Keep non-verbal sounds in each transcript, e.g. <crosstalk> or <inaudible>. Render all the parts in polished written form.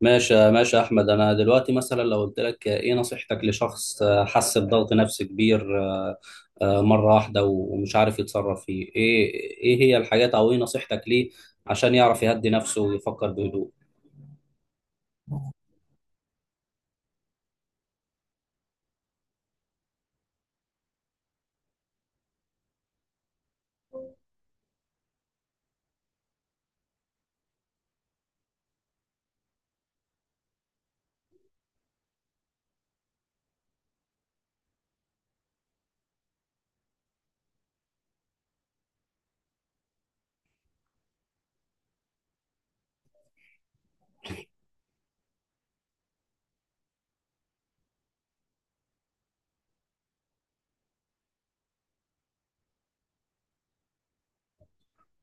ماشي ماشي يا احمد، انا دلوقتي مثلا لو قلت لك ايه نصيحتك لشخص حس بضغط نفسي كبير، مره واحده ومش عارف يتصرف فيه ايه؟ ايه هي الحاجات او ايه نصيحتك ليه عشان يعرف يهدي نفسه ويفكر بهدوء؟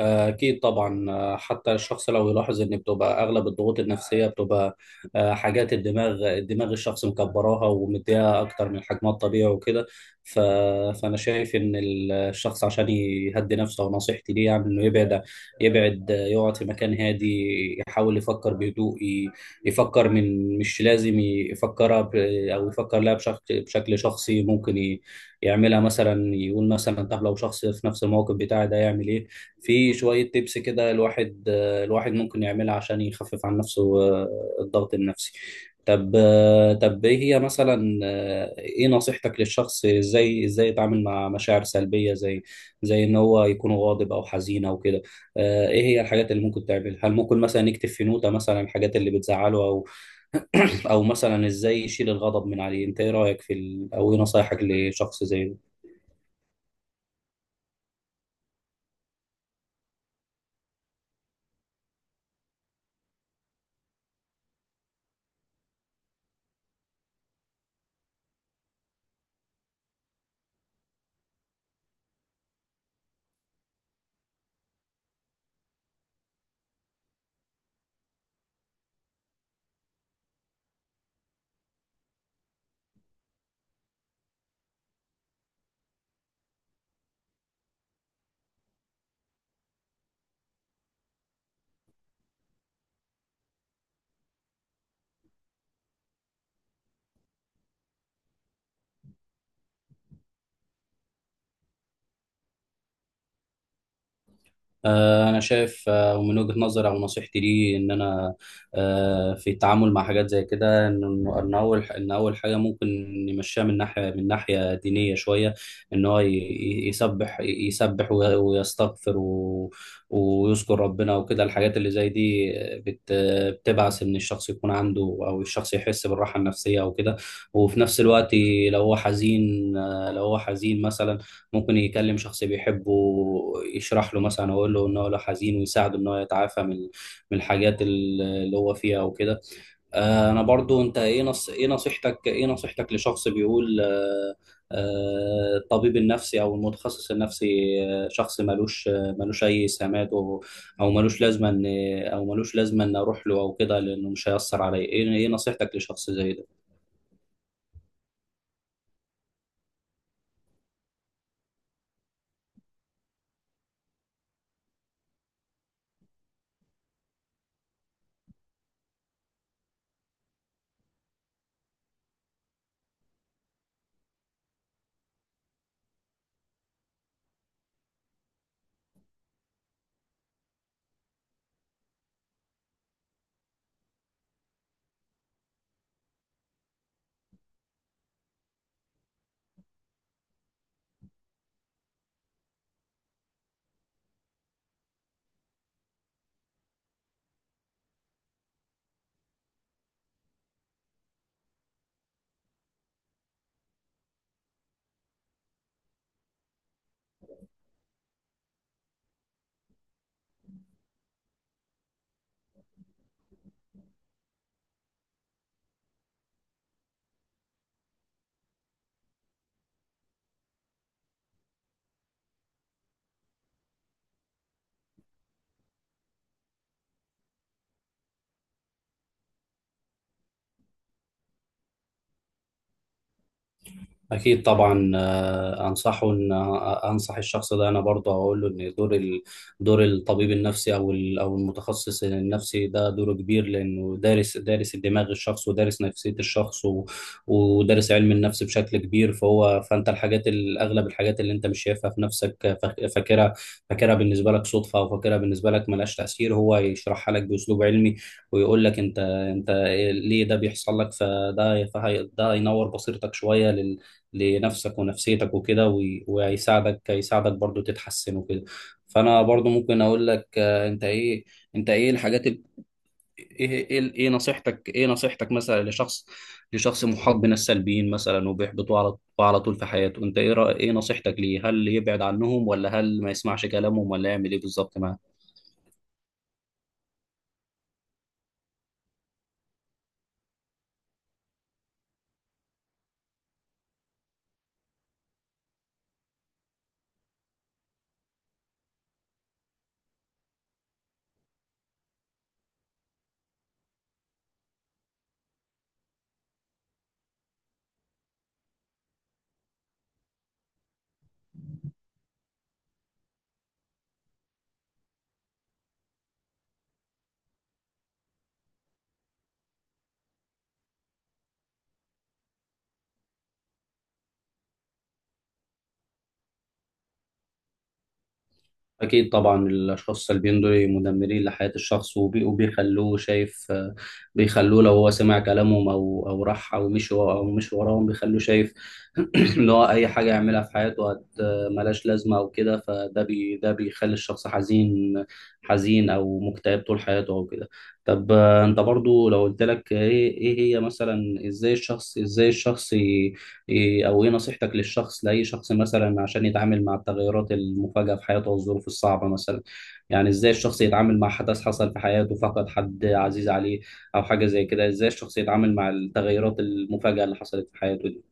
أكيد طبعا. حتى الشخص لو يلاحظ إن بتبقى أغلب الضغوط النفسية بتبقى حاجات الدماغ الشخص مكبراها ومديها أكتر من حجمها الطبيعي وكده. ف... فأنا شايف إن الشخص عشان يهدي نفسه، ونصيحتي ليه يعني إنه يبعد، يقعد في مكان هادي، يحاول يفكر بهدوء، يفكر من مش لازم يفكرها، أو يفكر لها بشكل شخصي ممكن يعملها. مثلا يقول مثلا طب لو شخص في نفس الموقف بتاعي ده يعمل إيه؟ في شوية تيبس كده الواحد ممكن يعملها عشان يخفف عن نفسه الضغط النفسي. طب طب ايه هي مثلا، ايه نصيحتك للشخص ازاي يتعامل مع مشاعر سلبية زي ان هو يكون غاضب او حزين او كده؟ ايه هي الحاجات اللي ممكن تعملها؟ هل ممكن مثلا يكتب في نوتة مثلا الحاجات اللي بتزعله، او <clears throat> او مثلا ازاي يشيل الغضب من عليه؟ انت ايه رأيك في او ايه نصايحك لشخص زي ده؟ أنا شايف، ومن وجهة نظري أو نصيحتي لي إن أنا، في التعامل مع حاجات زي كده، إن أول حاجة ممكن نمشيها من ناحية دينية شوية. إن هو يسبح ويستغفر ويذكر ربنا وكده. الحاجات اللي زي دي بت- بتبعث إن الشخص يكون عنده، أو الشخص يحس بالراحة النفسية وكده. وفي نفس الوقت لو هو حزين، لو هو حزين مثلا، ممكن يكلم شخص بيحبه يشرح له مثلا، ويقول له ان هو لو حزين، ويساعده ان هو يتعافى من الحاجات اللي هو فيها وكده. انا برضو انت ايه نصيحتك لشخص بيقول، الطبيب النفسي او المتخصص النفسي، شخص ملوش اي سمات، او او ملوش لازمه ان ملوش لازمه ان اروح له او كده، لانه مش هيأثر عليا، ايه نصيحتك لشخص زي ده؟ أكيد طبعا. أنصحه إن آه، أنصح الشخص ده. أنا برضه أقول له إن دور الطبيب النفسي أو المتخصص النفسي، ده دوره كبير لأنه دارس الدماغ الشخص، ودارس نفسية الشخص، ودارس علم النفس بشكل كبير. فأنت الحاجات، أغلب الحاجات اللي أنت مش شايفها في نفسك، فاكرها بالنسبة لك صدفة، أو فاكرها بالنسبة لك ملهاش تأثير، هو يشرحها لك بأسلوب علمي، ويقول لك أنت، ليه ده بيحصل لك. فده ده هي- ده ينور بصيرتك شوية لنفسك ونفسيتك وكده، وهيساعدك برضو تتحسن وكده. فانا برضو ممكن اقول لك، انت ايه الحاجات ايه نصيحتك مثلا لشخص، محاط من السلبيين مثلا، وبيحبطوا على طول في حياته. انت ايه نصيحتك ليه؟ هل يبعد عنهم، ولا هل ما يسمعش كلامهم، ولا يعمل ايه بالظبط معاه؟ أكيد طبعا. الأشخاص السلبيين دول مدمرين لحياة الشخص، وبيخلوه شايف بيخلوه لو هو سمع كلامهم، أو راح، أو مشي وراهم، بيخلوه شايف، <clears throat> إن هو أي حاجة يعملها في حياته ملهاش لازمة أو كده. فده بي ده بيخلي الشخص حزين أو مكتئب طول حياته أو كده. طب، أنت برضو لو قلت لك إيه، هي مثلا، إزاي الشخص إيه او ايه نصيحتك للشخص، لاي شخص مثلا عشان يتعامل مع التغيرات المفاجئه في حياته والظروف الصعبه مثلا؟ يعني ازاي الشخص يتعامل مع حدث حصل في حياته، فقد حد عزيز عليه او حاجه زي كده؟ ازاي الشخص يتعامل مع التغيرات المفاجئه اللي حصلت في حياته دي؟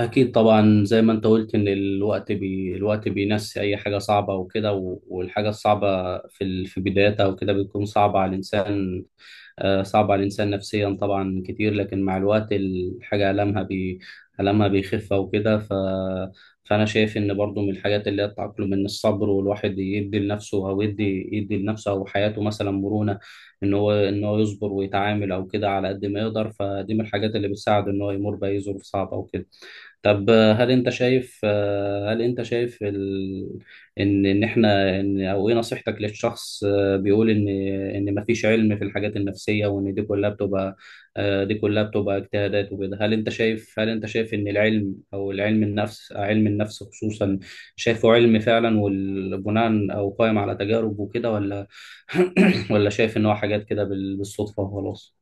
أكيد طبعا. زي ما أنت قلت، إن الوقت بينسي أي حاجة صعبة وكده، والحاجة الصعبة في في بدايتها وكده بتكون صعبة على الإنسان نفسيا طبعا كتير. لكن مع الوقت الحاجة ألمها بيخف وكده. فأنا شايف إن برضو من الحاجات اللي هي التأقلم، إن الصبر، والواحد يدي لنفسه، أو يدي لنفسه أو حياته مثلا مرونة. إن هو يصبر ويتعامل أو كده على قد ما يقدر، فدي من الحاجات اللي بتساعده إن هو يمر بأي ظروف صعبة وكده. طب، هل انت شايف ان ان احنا ان او ايه نصيحتك للشخص بيقول ان مفيش علم في الحاجات النفسية، وان دي كلها بتبقى اجتهادات وكده؟ هل انت شايف ان العلم او العلم النفس علم النفس خصوصا، شايفه علم فعلا والبناء او قائم على تجارب وكده، ولا <clears throat> ولا شايف ان هو حاجات كده بالصدفة وخلاص؟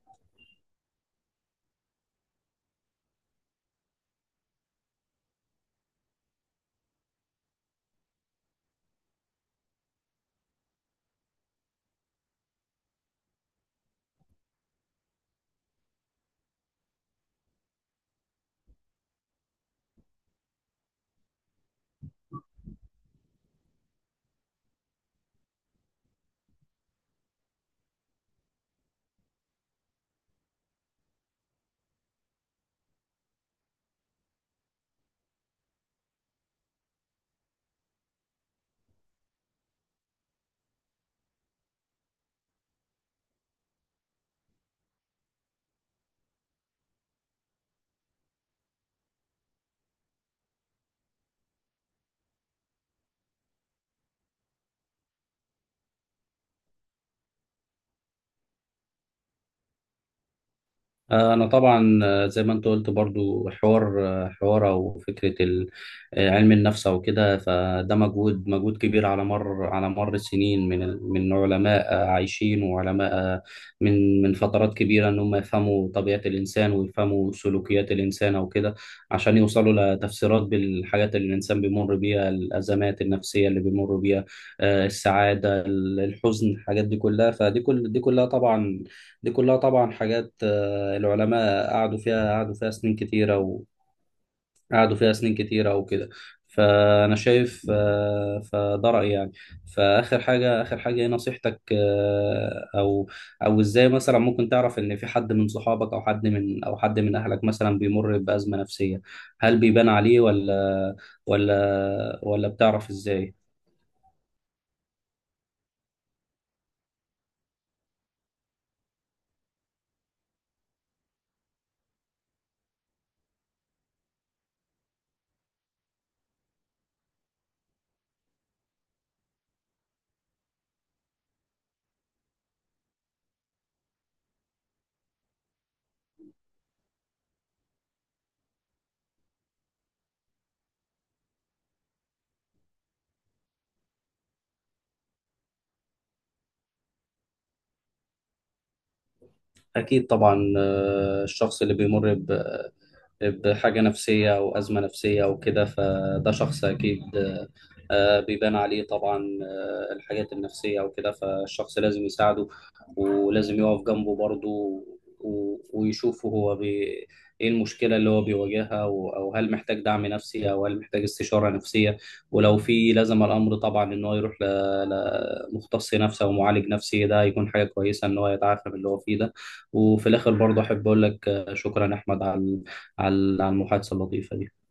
أنا طبعا، زي ما أنت قلت برضو، حوار، حوار أو فكرة علم النفس أو كده، فده مجهود كبير على مر السنين، من علماء عايشين، وعلماء، من فترات كبيرة، إن هم يفهموا طبيعة الإنسان، ويفهموا سلوكيات الإنسان أو كده، عشان يوصلوا لتفسيرات بالحاجات اللي الإنسان بيمر بيها، الأزمات النفسية اللي بيمر بيها، السعادة، الحزن، الحاجات دي كلها. فدي كل دي كلها طبعا دي كلها طبعا حاجات، العلماء قعدوا فيها سنين كتيرة، وقعدوا فيها سنين كتيرة وكده. فأنا شايف، فده رأيي يعني. فآخر حاجة إيه نصيحتك، أو إزاي مثلا ممكن تعرف إن في حد من صحابك، أو حد من أهلك مثلا بيمر بأزمة نفسية؟ هل بيبان عليه، ولا بتعرف إزاي؟ أكيد طبعا. الشخص اللي بيمر بحاجة نفسية أو أزمة نفسية أو كده، فده شخص أكيد بيبان عليه طبعا الحاجات النفسية وكده، فالشخص لازم يساعده، ولازم يقف جنبه برضه، ويشوفه هو ايه المشكلة اللي هو بيواجهها، او هل محتاج دعم نفسي، او هل محتاج استشارة نفسية، ولو في لزم الامر طبعا ان هو يروح لمختص نفسي او معالج نفسي، ده هيكون حاجة كويسة ان هو يتعافى من اللي هو فيه ده. وفي الاخر برضه احب اقول لك، شكرا احمد على، المحادثة اللطيفة دي.